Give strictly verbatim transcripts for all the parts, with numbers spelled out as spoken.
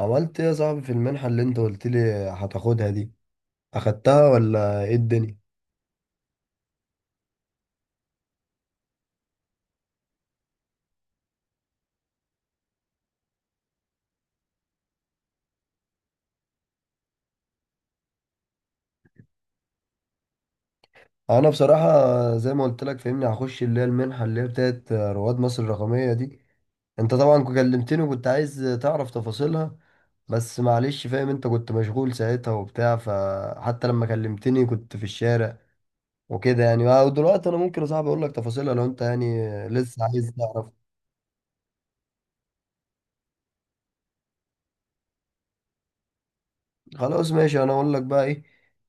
عملت ايه يا صاحبي في المنحة اللي انت قلت لي هتاخدها دي؟ اخدتها ولا ايه الدنيا؟ انا بصراحة زي ما قلت لك فهمني هخش اللي هي المنحة اللي هي بتاعت رواد مصر الرقمية دي. انت طبعا كلمتني وكنت عايز تعرف تفاصيلها، بس معلش فاهم انت كنت مشغول ساعتها وبتاع، فحتى لما كلمتني كنت في الشارع وكده يعني. ودلوقتي انا ممكن يا صاحبي اقول لك تفاصيلها لو انت يعني لسه عايز تعرف. خلاص ماشي، انا اقول لك بقى ايه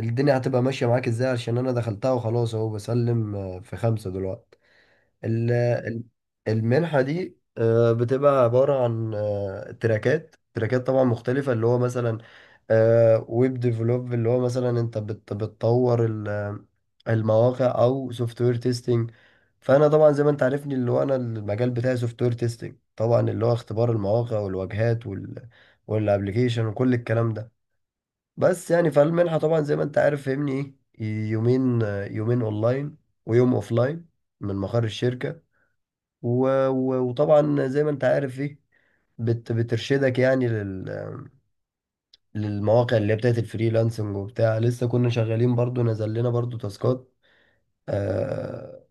الدنيا هتبقى ماشيه معاك ازاي، عشان انا دخلتها وخلاص اهو بسلم آه، في خمسه دلوقتي. ال- ال- المنحه دي آه، بتبقى عباره عن آه، تراكات تراكات طبعا مختلفه، اللي هو مثلا ويب ديفلوب اللي هو مثلا انت بت- بتطور ال- المواقع او سوفت وير تيستنج. فانا طبعا زي ما انت عارفني اللي هو انا المجال بتاعي سوفت وير تيستنج، طبعا اللي هو اختبار المواقع والواجهات وال والابلكيشن وكل الكلام ده. بس يعني فالمنحة طبعا زي ما انت عارف فهمني ايه، يومين، يومين اونلاين ويوم اوفلاين من مقر الشركة. و... و... وطبعا زي ما انت عارف ايه، بت... بترشدك يعني لل... للمواقع اللي هي بتاعت الفريلانسنج وبتاع. لسه كنا شغالين برضو، نزل لنا برضو تاسكات، آه،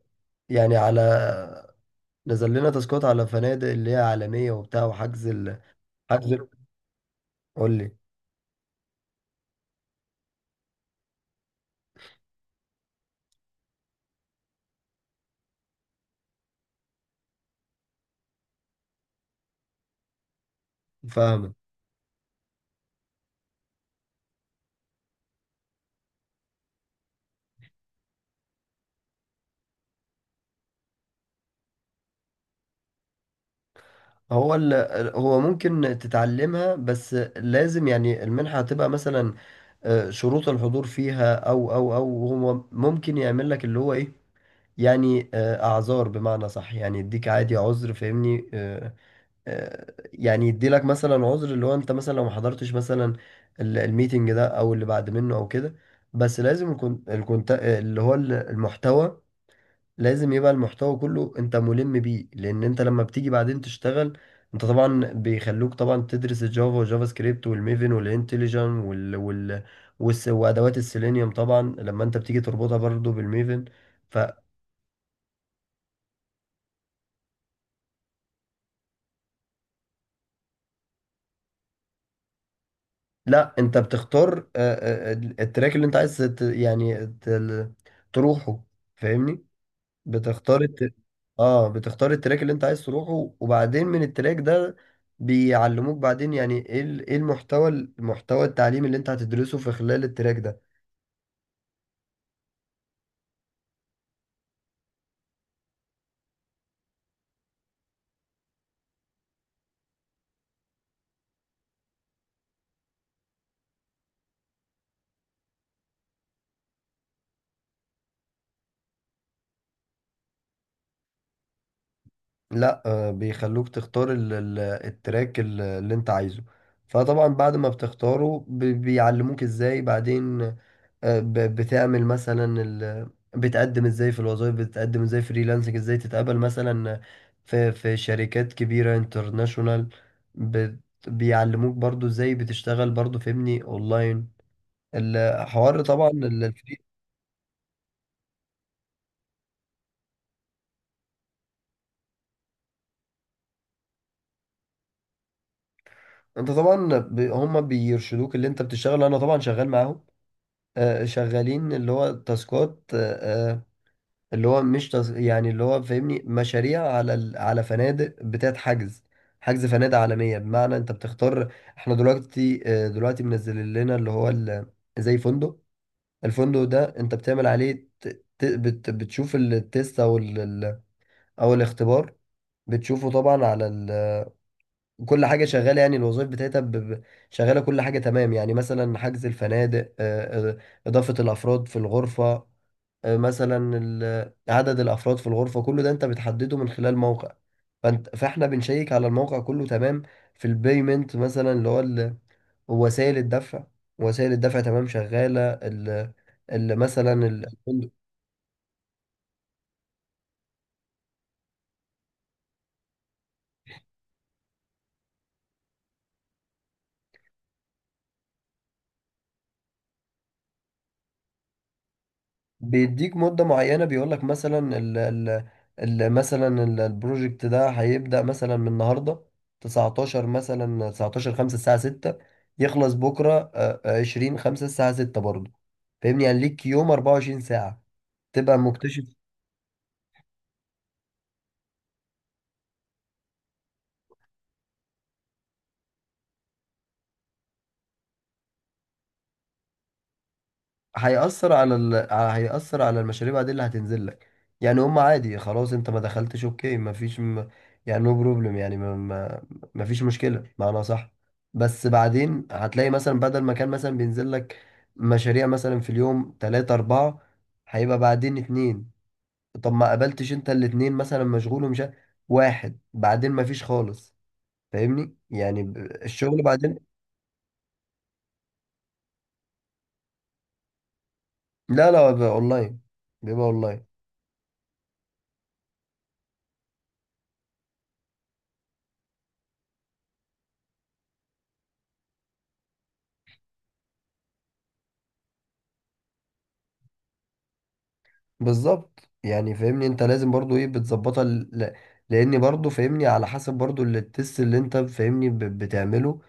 يعني على، نزل لنا تاسكات على فنادق اللي هي عالمية وبتاع، وحجز ال... حجز. قول لي، فاهمك. هو ال... هو ممكن تتعلمها، بس لازم يعني المنحة هتبقى مثلا آه، شروط الحضور فيها او او او هو ممكن يعمل لك اللي هو ايه، يعني آه، اعذار، بمعنى صح يعني يديك عادي عذر فاهمني، آه، آه، يعني يدي لك مثلا عذر اللي هو انت مثلا لو ما حضرتش مثلا ال- الميتنج ده او اللي بعد منه او كده. بس لازم يكون الكونت اللي هو المحتوى، لازم يبقى المحتوى كله انت ملم بيه، لان انت لما بتيجي بعدين تشتغل انت طبعا بيخلوك طبعا تدرس الجافا والجافا سكريبت والميفن والانتليجن وال وال والس- وادوات السيلينيوم، طبعا لما انت بتيجي تربطها برضو بالميفن. فلا، انت بتختار آه، آه، التراك اللي انت عايز تت- يعني تل- تروحه، فاهمني. بتختار الت... اه بتختار التراك اللي انت عايز تروحه، وبعدين من التراك ده بيعلموك بعدين يعني ايه ال- ايه المحتوى، المحتوى التعليمي اللي انت هتدرسه في خلال التراك ده. لا آه بيخلوك تختار ال... ال- التراك ال- اللي انت عايزه، فطبعا بعد ما بتختاره ب- بيعلموك ازاي بعدين آه، ب- بتعمل مثلا ال... بتقدم ازاي في الوظائف، بتقدم ازاي فريلانسنج، ازاي تتقبل مثلا في في شركات كبيرة انترناشونال. بت... بيعلموك برضو ازاي بتشتغل برضو فهمني اونلاين الحوار، طبعا ال- الفري. انت طبعا ب... هم بيرشدوك اللي انت بتشتغل، انا طبعا شغال معاهم آه، شغالين اللي هو تاسكات اللي هو مش تص... يعني اللي هو فاهمني مشاريع على ال... على فنادق بتاعت حجز، حجز فنادق عالمية. بمعنى انت بتختار، احنا دلوقتي آه، دلوقتي منزل لنا اللي هو ال... زي فندق، الفندق ده انت بتعمل عليه ت... ت- بت... بتشوف التيست او ال... ال- او الاختبار، بتشوفه طبعا على ال... كل حاجة شغالة يعني، الوظائف بتاعتها ب... ب- شغالة، كل حاجة تمام يعني مثلا حجز الفنادق آه، آه، إضافة الأفراد في الغرفة، آه، مثلا ال- عدد الافراد في الغرفه كله ده انت بتحدده من خلال موقع، فانت فاحنا بنشيك على الموقع كله تمام. في البيمنت مثلا اللي هو ال- وسائل الدفع، وسائل الدفع تمام شغاله ال ال- مثلا تمام. بيديك مدة معينة، بيقولك مثلا ال ال ال مثلا ال- البروجكت ده هيبدأ مثلا من النهاردة تسعتاشر مثلا تسعتاشر خمسة الساعة ستة، يخلص بكرة آه، آه، عشرين خمسة الساعة ستة برضه. فاهمني يعني ليك يوم اربعة وعشرين ساعة تبقى مكتشف. هيأثر على ال... ع- هيأثر على المشاريب عادي اللي هتنزل لك. يعني هم عادي خلاص انت ما دخلتش، اوكي، ما فيش م... يعني نو بروبلم يعني ما... ما... ما فيش مشكلة، معنى صح. بس بعدين هتلاقي مثلا بدل ما كان مثلا بينزل لك مشاريع مثلا في اليوم تلاتة أربعة، هيبقى بعدين اتنين. طب ما قابلتش انت الاتنين مثلا مشغول ومش ع- واحد، بعدين ما فيش خالص، فاهمني. يعني ب- الشغل بعدين. لا لا بيبقى اونلاين، بيبقى اونلاين. بالظبط يعني فاهمني، انت لازم برضو ايه بتظبطها ل... ل- لان برضو فاهمني على حسب برضو ال- التست اللي انت فاهمني ب... بتعمله،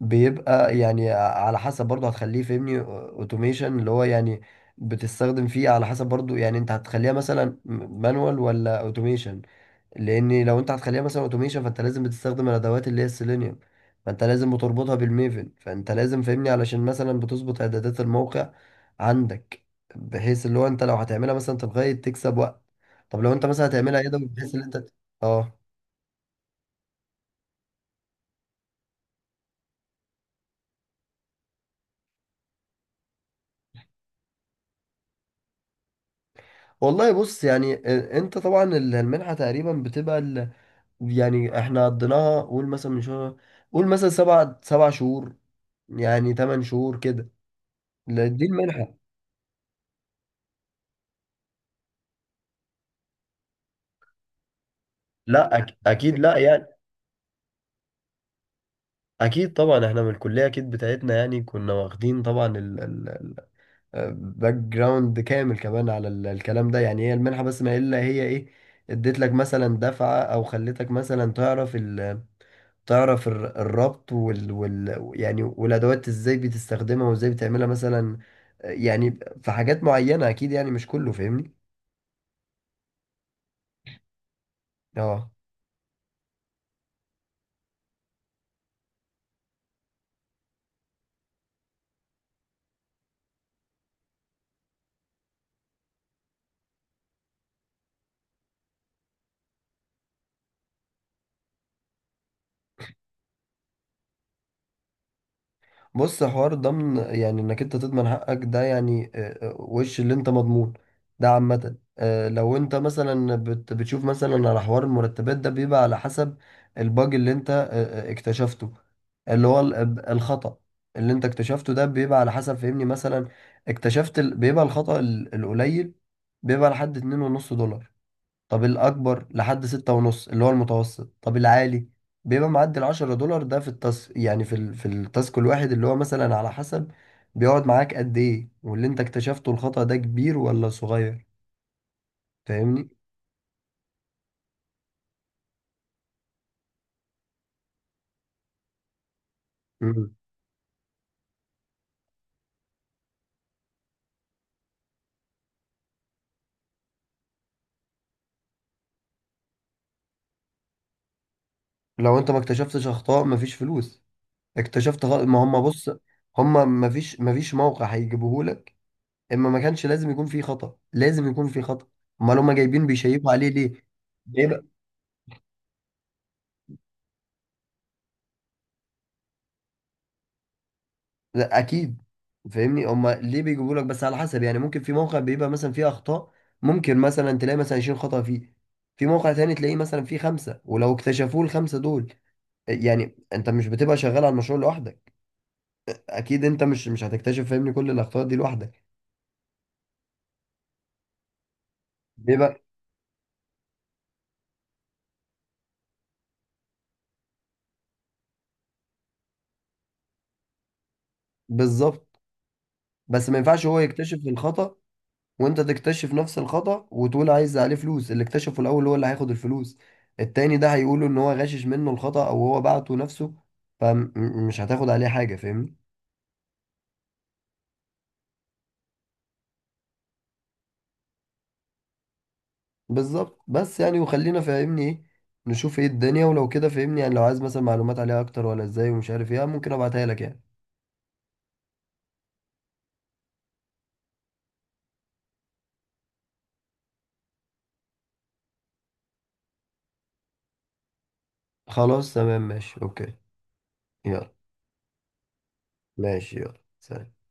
بيبقى يعني على حسب برضو هتخليه فاهمني اوتوميشن اللي هو يعني بتستخدم فيه. على حسب برضو يعني انت هتخليها مثلا مانوال ولا اوتوميشن، لان لو انت هتخليها مثلا اوتوميشن فانت لازم بتستخدم الادوات اللي هي السيلينيوم، فانت لازم بتربطها بالميفن، فانت لازم فاهمني علشان مثلا بتظبط اعدادات الموقع عندك، بحيث اللي هو انت لو هتعملها مثلا تلغاية تكسب وقت. طب لو انت مثلا هتعملها يدوي بحيث ان انت اه، والله بص يعني آه، انت طبعا ال- المنحة تقريبا بتبقى ال... يعني احنا قضيناها قول مثلا من شهر، قول مثلا سبع سبع شهور يعني ثمان شهور كده. لا، دي المنحة. لا أك... اكيد لا يعني. اكيد طبعا احنا من الكليه اكيد بتاعتنا يعني كنا واخدين طبعا الباك جراوند كامل كمان على ال- الكلام ده. يعني هي المنحه بس ما الا هي ايه، اديت لك مثلا دفعه، او خلتك مثلا تعرف ال تعرف الر- الربط وال, وال يعني والادوات ازاي بتستخدمها وازاي بتعملها مثلا يعني. في حاجات معينه اكيد، يعني مش كله فاهمني. اه بص، حوار ضمن يعني انك انت تضمن حقك ده، يعني آه، آه، وش اللي انت مضمون، ده عامة آه، لو انت مثلا بت- بتشوف مثلا على حوار المرتبات ده بيبقى على حسب الباج اللي انت آه، آه، اكتشفته اللي هو ال- ال- الخطأ اللي انت اكتشفته ده بيبقى على حسب فهمني مثلا اكتشفت ال- بيبقى الخطأ ال- القليل بيبقى لحد اتنين ونص دولار. طب الأكبر لحد ستة ونص اللي هو المتوسط. طب العالي بيبقى معدي العشرة دولار ده في التاس يعني في ال... في التاسك الواحد اللي هو مثلا على حسب بيقعد معاك قد إيه، واللي أنت اكتشفته الخطأ ده كبير ولا صغير، فاهمني؟ مم. لو أنت ما اكتشفتش أخطاء مفيش فلوس. اكتشفت خ... ما هم بص، هم مفيش مفيش موقع هيجيبهولك. إما ما كانش لازم يكون فيه خطأ، لازم يكون فيه خطأ، أمال هم جايبين بيشيكوا عليه ليه؟ لا اكيد، فاهمني هما ليه بيجيبوا لك، بس على حسب يعني ممكن في موقع بيبقى مثلا فيه اخطاء ممكن مثلا تلاقي مثلا عشرين خطأ فيه، في موقع تاني تلاقيه مثلا فيه خمسة، ولو اكتشفوه الخمسة دول آه، يعني انت مش بتبقى شغال على المشروع لوحدك، اكيد انت مش مش هتكتشف فاهمني كل الاخطاء دي لوحدك. بيبقى بالظبط. بس ما ينفعش هو يكتشف الخطأ وانت تكتشف نفس الخطأ وتقول عايز عليه فلوس، اللي اكتشفه الاول هو اللي هياخد الفلوس، التاني ده هيقوله ان هو غاشش منه الخطأ او هو بعته نفسه فمش هتاخد عليه حاجة، فاهمني. بالظبط. بس يعني وخلينا فاهمني ايه نشوف ايه الدنيا، ولو كده فاهمني يعني لو عايز مثلا معلومات عليها اكتر ولا ازاي ومش عارف ايه ممكن ابعتها لك يعني. خلاص تمام ماشي اوكي، يلا. ماشي يلا سلام.